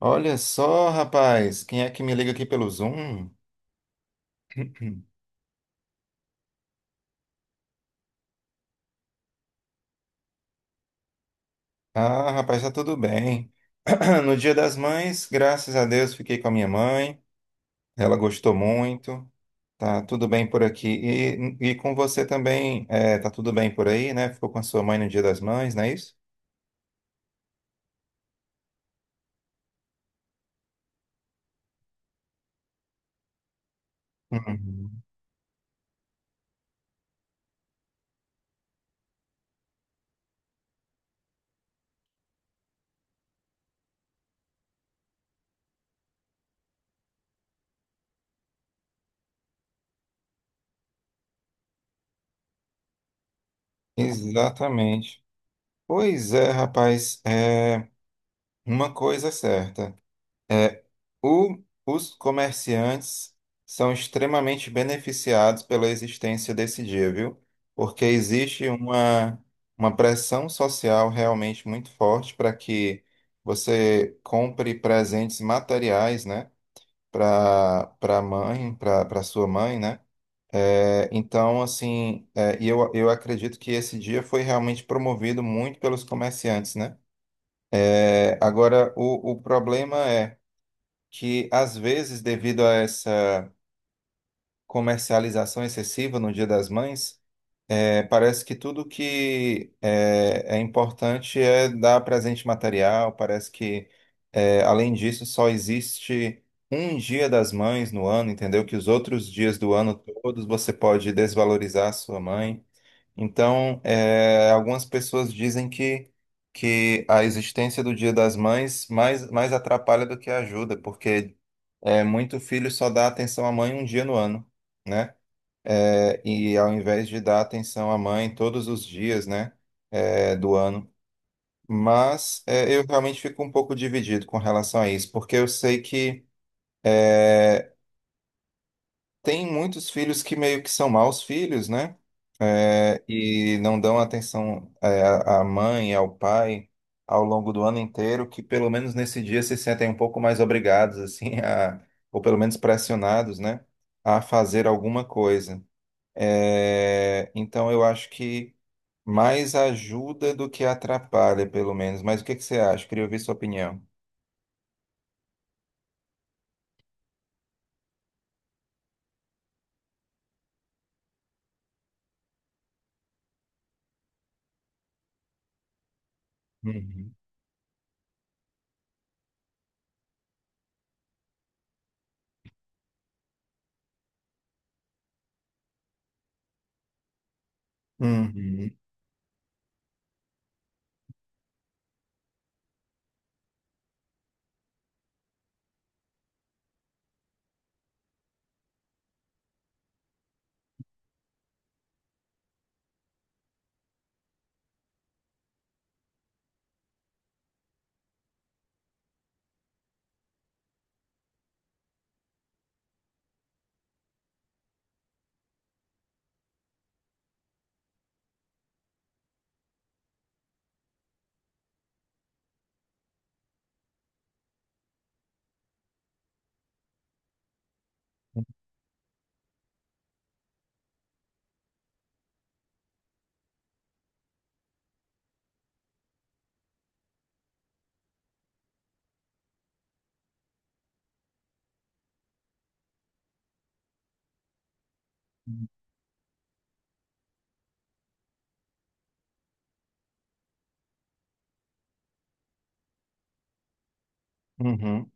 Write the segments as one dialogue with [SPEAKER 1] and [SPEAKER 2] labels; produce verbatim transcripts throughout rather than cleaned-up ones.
[SPEAKER 1] Olha só, rapaz, quem é que me liga aqui pelo Zoom? Ah, rapaz, tá tudo bem. No Dia das Mães, graças a Deus, fiquei com a minha mãe. Ela gostou muito. Tá tudo bem por aqui. E, e com você também, é, tá tudo bem por aí, né? Ficou com a sua mãe no Dia das Mães, não é isso? Uhum. Exatamente. Pois é, rapaz, é uma coisa é certa. é, O- os comerciantes são extremamente beneficiados pela existência desse dia, viu? Porque existe uma, uma pressão social realmente muito forte para que você compre presentes materiais, né? Para para a mãe, para para sua mãe, né? É, então, assim, é, e eu, eu acredito que esse dia foi realmente promovido muito pelos comerciantes, né? É, agora, o, o problema é que, às vezes, devido a essa comercialização excessiva no Dia das Mães, é, parece que tudo que é, é importante é dar presente material. Parece que, é, além disso, só existe um Dia das Mães no ano, entendeu? Que os outros dias do ano todos você pode desvalorizar a sua mãe. Então, é, algumas pessoas dizem que que a existência do Dia das Mães mais, mais atrapalha do que ajuda, porque, é, muito filho só dá atenção à mãe um dia no ano, né? É, e ao invés de dar atenção à mãe todos os dias, né, é, do ano. Mas é, eu realmente fico um pouco dividido com relação a isso, porque eu sei que é, tem muitos filhos que meio que são maus filhos, né? É, e não dão atenção, é, à mãe, ao pai, ao longo do ano inteiro, que pelo menos nesse dia se sentem um pouco mais obrigados, assim, a, ou pelo menos pressionados, né, a fazer alguma coisa. É, então eu acho que mais ajuda do que atrapalha, pelo menos. Mas o que que você acha? Queria ouvir sua opinião. Uhum. Uhum. Uhum.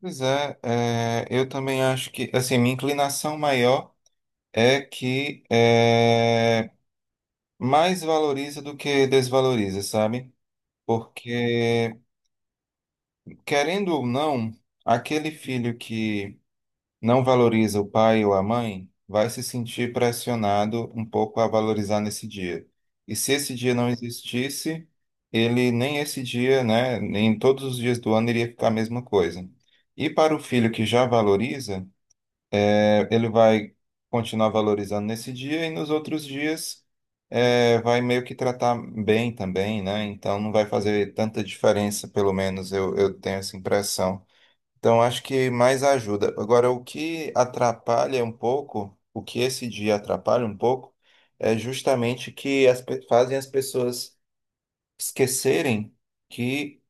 [SPEAKER 1] Pois é, é, eu também acho que, assim, minha inclinação maior é que é, mais valoriza do que desvaloriza, sabe? Porque, querendo ou não, aquele filho que não valoriza o pai ou a mãe vai se sentir pressionado um pouco a valorizar nesse dia. E se esse dia não existisse, ele nem esse dia, né, nem todos os dias do ano, iria ficar a mesma coisa. E para o filho que já valoriza, ele vai continuar valorizando nesse dia e nos outros dias, é, vai meio que tratar bem também, né? Então não vai fazer tanta diferença, pelo menos eu, eu tenho essa impressão. Então acho que mais ajuda. Agora, o que atrapalha um pouco, o que esse dia atrapalha um pouco, é justamente que as, pe- fazem as pessoas esquecerem que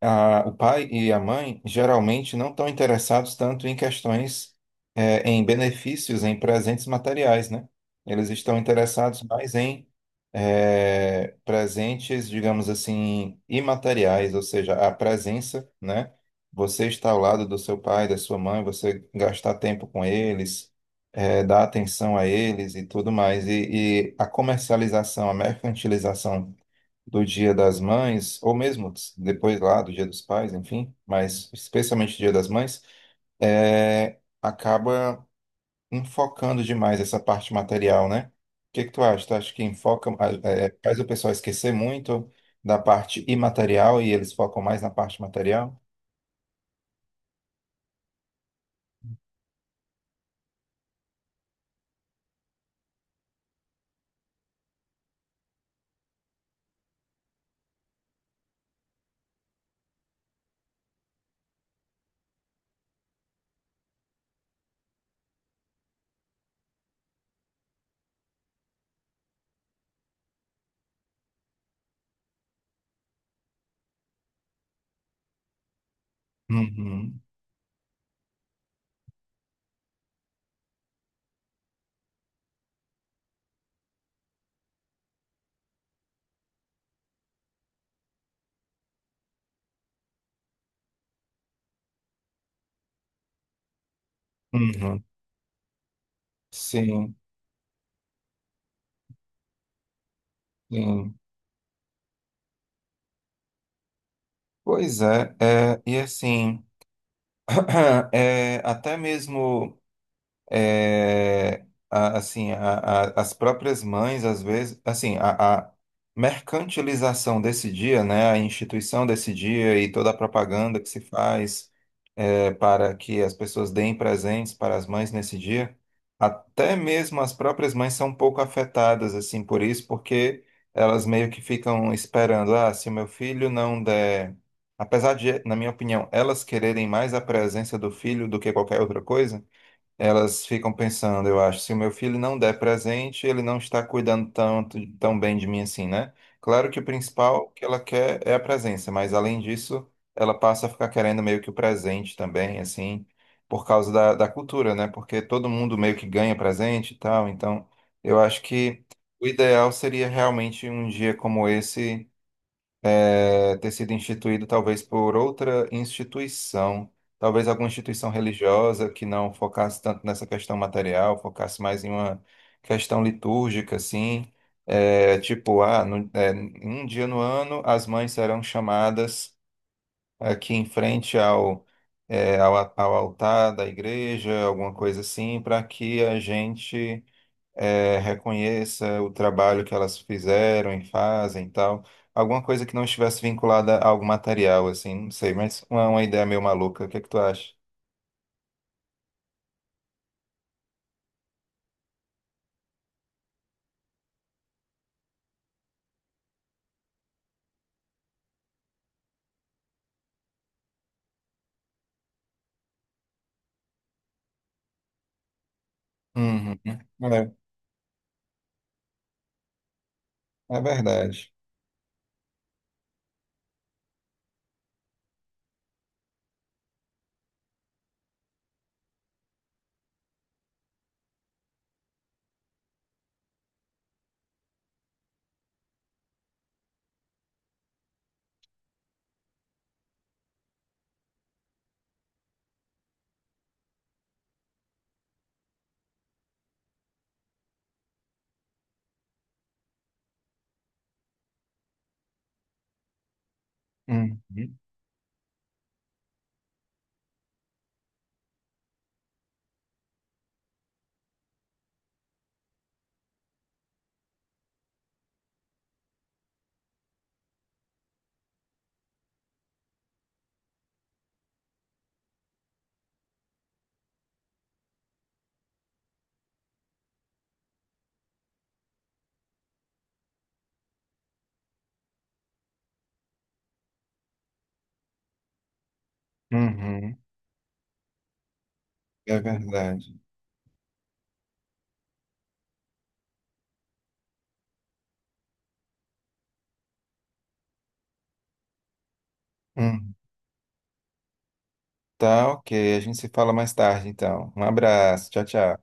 [SPEAKER 1] a- o pai e a mãe geralmente não estão interessados tanto em questões, eh, em benefícios, em presentes materiais, né? Eles estão interessados mais em, eh, presentes, digamos assim, imateriais, ou seja, a presença, né? Você estar ao lado do seu pai, da sua mãe, você gastar tempo com eles, eh, dar atenção a eles e tudo mais. E, e a comercialização, a mercantilização do Dia das Mães, ou mesmo depois lá do Dia dos Pais, enfim, mas especialmente o Dia das Mães, é, acaba enfocando demais essa parte material, né? O que que tu acha? Tu acha que enfoca, é, faz o pessoal esquecer muito da parte imaterial e eles focam mais na parte material? Uhum, uhum. Sim, sim. Pois é, é, e assim, é, até mesmo. É, a- assim, a- a- as próprias mães, às vezes, assim, a, a mercantilização desse dia, né, a instituição desse dia e toda a propaganda que se faz, é, para que as pessoas deem presentes para as mães nesse dia, até mesmo as próprias mães são um pouco afetadas, assim, por isso, porque elas meio que ficam esperando, ah, se o meu filho não der... Apesar de, na minha opinião, elas quererem mais a presença do filho do que qualquer outra coisa, elas ficam pensando, eu acho, se o meu filho não der presente, ele não está cuidando tanto, tão bem de mim assim, né? Claro que o principal que ela quer é a presença, mas além disso, ela passa a ficar querendo meio que o presente também, assim, por causa da, da cultura, né? Porque todo mundo meio que ganha presente e tal, então eu acho que o ideal seria realmente um dia como esse, é, ter sido instituído talvez por outra instituição, talvez alguma instituição religiosa que não focasse tanto nessa questão material, focasse mais em uma questão litúrgica, assim, é, tipo, ah, no- é, um dia no ano as mães serão chamadas aqui em frente ao, é, ao, a- ao altar da igreja, alguma coisa assim, para que a gente, é, reconheça o trabalho que elas fizeram e fazem e tal. Alguma coisa que não estivesse vinculada a algo material, assim, não sei, mas é uma, uma ideia meio maluca. O que é que tu acha? Uhum. É, é verdade. Uhum. Uhum. É verdade. Uhum. Tá, ok. A gente se fala mais tarde, então. Um abraço. Tchau, tchau.